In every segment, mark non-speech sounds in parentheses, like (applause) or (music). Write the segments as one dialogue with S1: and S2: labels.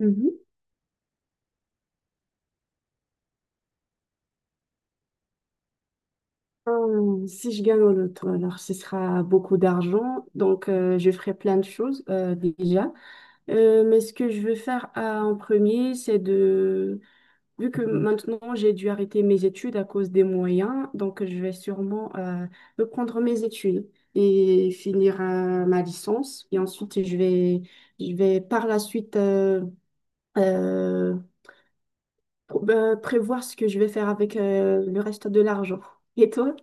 S1: Mhm. Si je gagne au loto, alors ce sera beaucoup d'argent, donc je ferai plein de choses déjà. Mais ce que je veux faire en premier, c'est de... Vu que maintenant j'ai dû arrêter mes études à cause des moyens, donc je vais sûrement reprendre mes études et finir ma licence. Et ensuite, je vais par la suite euh, prévoir ce que je vais faire avec le reste de l'argent. Et toi?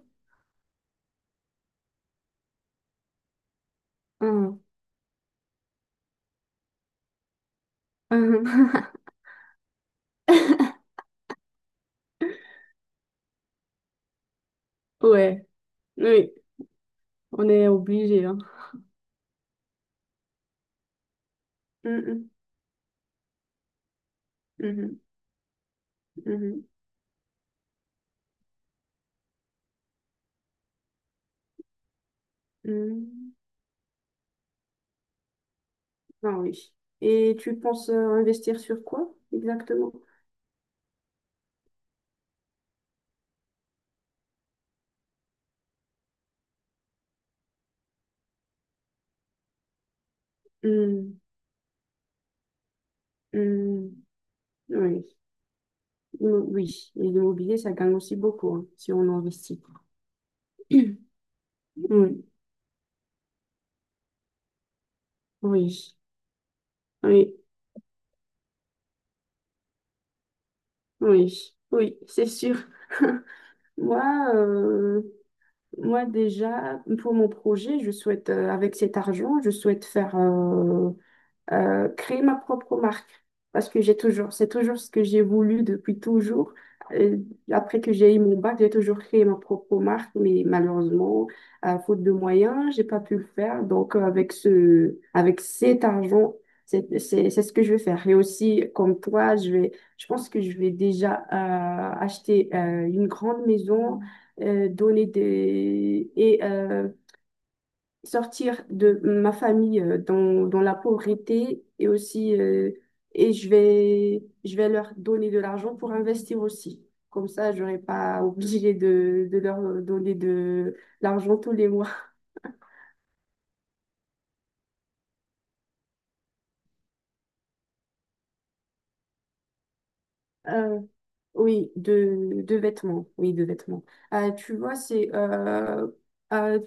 S1: Mhm. (laughs) Ouais, oui, on est obligé, hein. Mhm, mhm, mhm, mhm. Ah oui. Et tu penses investir sur quoi exactement? Mhm, mhm. Oui, oui. Et l'immobilier, ça gagne aussi beaucoup hein, si on investit. (coughs) (clears throat) Oui, oui, oui, oui, oui, c'est sûr. (laughs) Moi, euh, moi déjà, pour mon projet, avec cet argent, je souhaite faire créer ma propre marque. Parce que c'est toujours ce que j'ai voulu depuis toujours. Euh, Après que j'ai eu mon bac, j'ai toujours créé ma propre marque, mais malheureusement, à faute de moyens, j'ai pas pu le faire. Donc, avec avec cet argent, c'est ce que je vais faire. Et aussi, comme toi, je pense que je vais déjà acheter une grande maison, donner des, et sortir de ma famille dans la pauvreté et aussi et je vais leur donner de l'argent pour investir aussi. Comme ça, je n'aurai pas obligé de leur donner de l'argent tous les mois. Euh, oui, de vêtements. Oui, de vêtements. Tu vois, c'est euh,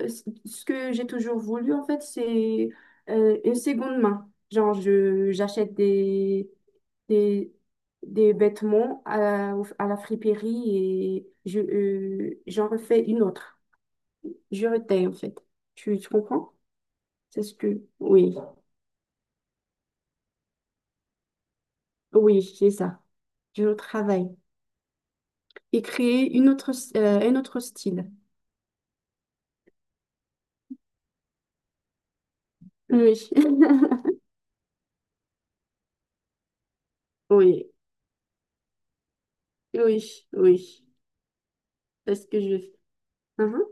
S1: ce que j'ai toujours voulu, en fait, c'est une seconde main. Genre, j'achète des, des vêtements à, à la friperie et je, j'en refais une autre. Je retaille, en fait. Tu comprends? C'est ce que... Oui, oui, c'est ça. Je travaille. Et créer une autre, un autre style. Oui. (laughs) Oui, oui, oui. Est-ce que je... Mhm,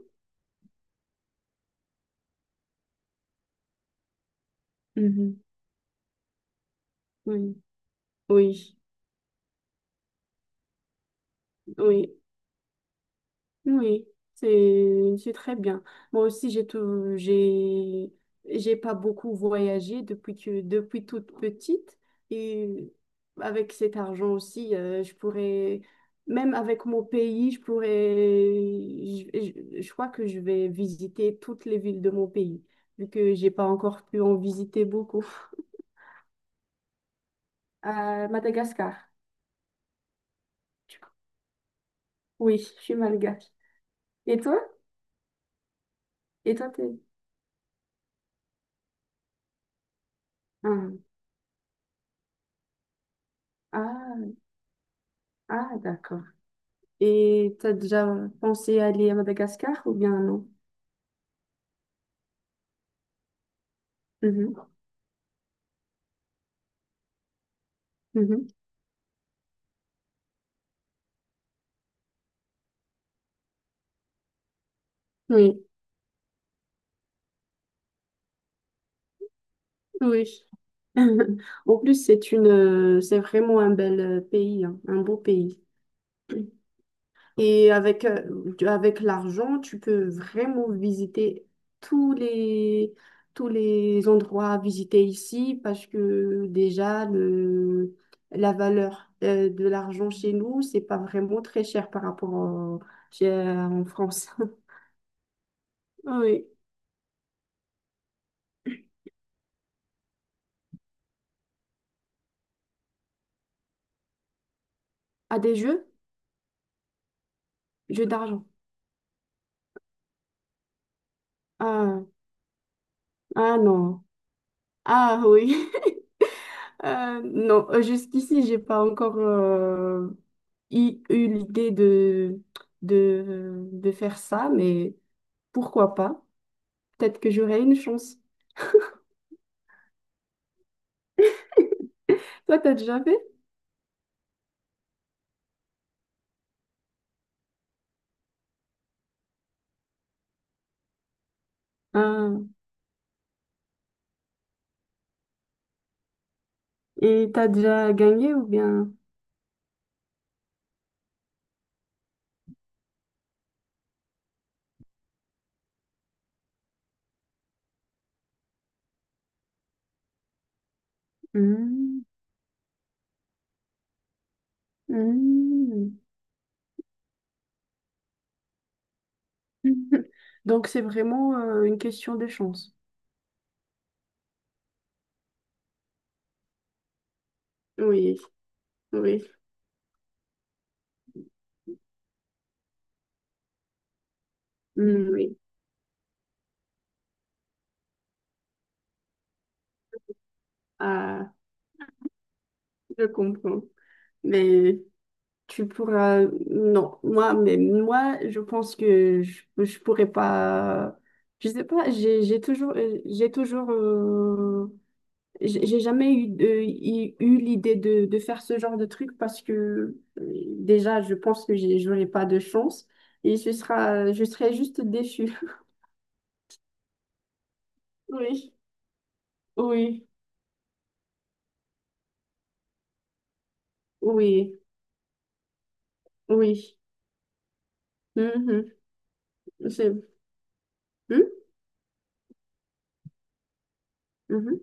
S1: Mhm. Oui, oui, oui, oui. C'est très bien. Moi aussi, j'ai pas beaucoup voyagé depuis toute petite. Et avec cet argent aussi, je pourrais, même avec mon pays, je, je crois que je vais visiter toutes les villes de mon pays, vu que j'ai pas encore pu en visiter beaucoup. (laughs) À Madagascar. Oui, je suis malgache. Et toi? Et toi, t'es... Ah, ah, ah, d'accord. Et t'as déjà pensé aller à Madagascar ou bien non? Mhm, mhm. Oui, oui. (laughs) En plus, c'est vraiment un bel pays, hein, un beau pays. (clears throat) Et avec, avec l'argent, tu peux vraiment visiter tous les, tous les endroits à visiter ici parce que déjà, la valeur de l'argent chez nous, c'est pas vraiment très cher par rapport en France. (laughs) Oui. À des jeux? Jeux d'argent. Ah, ah non. Ah oui. Non, jusqu'ici, j'ai pas encore eu l'idée de faire ça, mais pourquoi pas? Peut-être que j'aurai une chance. Toi, t'as déjà fait? Ah, et t'as déjà gagné ou bien? Hmm, hmm. (laughs) Donc, c'est vraiment une question de chance. Oui, oui, hmm, oui. Ah, je comprends. Mais Tu pourras... Non, moi, je pense que je pourrais pas... Je sais pas, j'ai toujours... j'ai toujours... j'ai jamais eu, eu l'idée de faire ce genre de truc parce que déjà, je pense que j'aurais pas de chance et ce sera, je serais juste déçue. (laughs) Oui, oui, oui, oui. Mhm. C'est... Hmm Mhm.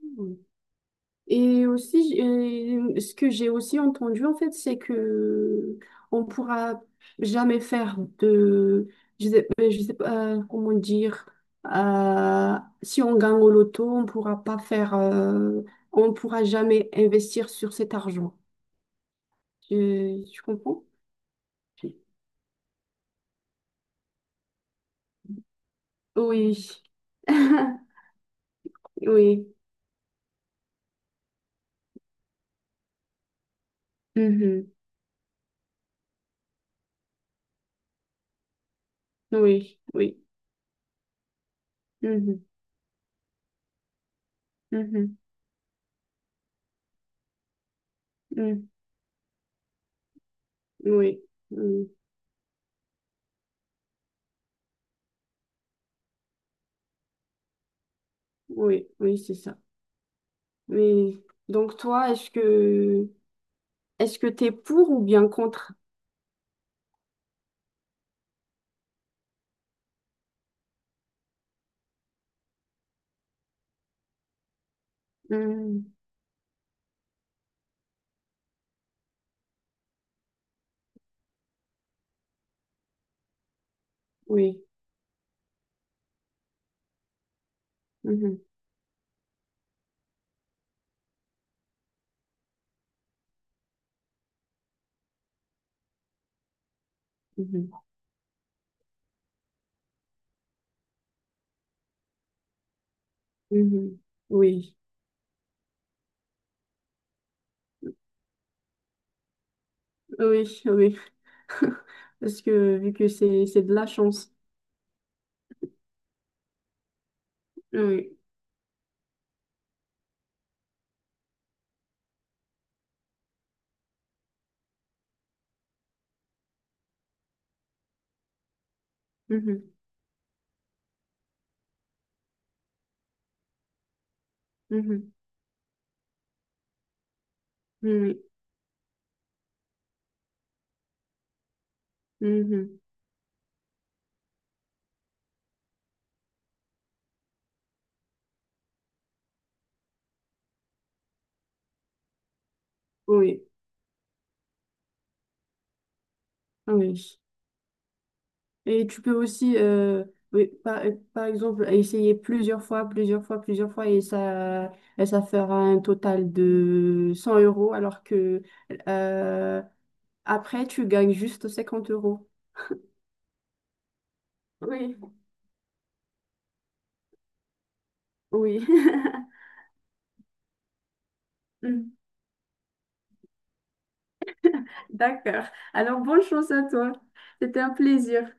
S1: Mhm. Et aussi, ce que j'ai aussi entendu, en fait, c'est que on pourra jamais faire de, je sais pas comment dire, euh, si on gagne au loto, on pourra pas faire, on pourra jamais investir sur cet argent. Tu comprends? Oui. (laughs) Oui. Mhm. Oui. Oui. Mhm. Mhm. Mhm. Oui. Oui. Mmh. Oui. Oui, c'est ça. Mais donc toi, est-ce que t'es pour ou bien contre? Hmm, Oui. Mhm, mhm, mhm. Oui. Oui, oui. (laughs) Parce que vu que c'est de la chance. Oui. Mhm, mhm, oui, mhm. Oui. Oui. Et tu peux aussi oui, par exemple essayer plusieurs fois et ça fera un total de 100 € alors que euh, après, tu gagnes juste 50 euros. Oui. Oui. (laughs) D'accord. Alors, bonne chance à toi. C'était un plaisir.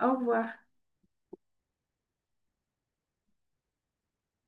S1: Au revoir.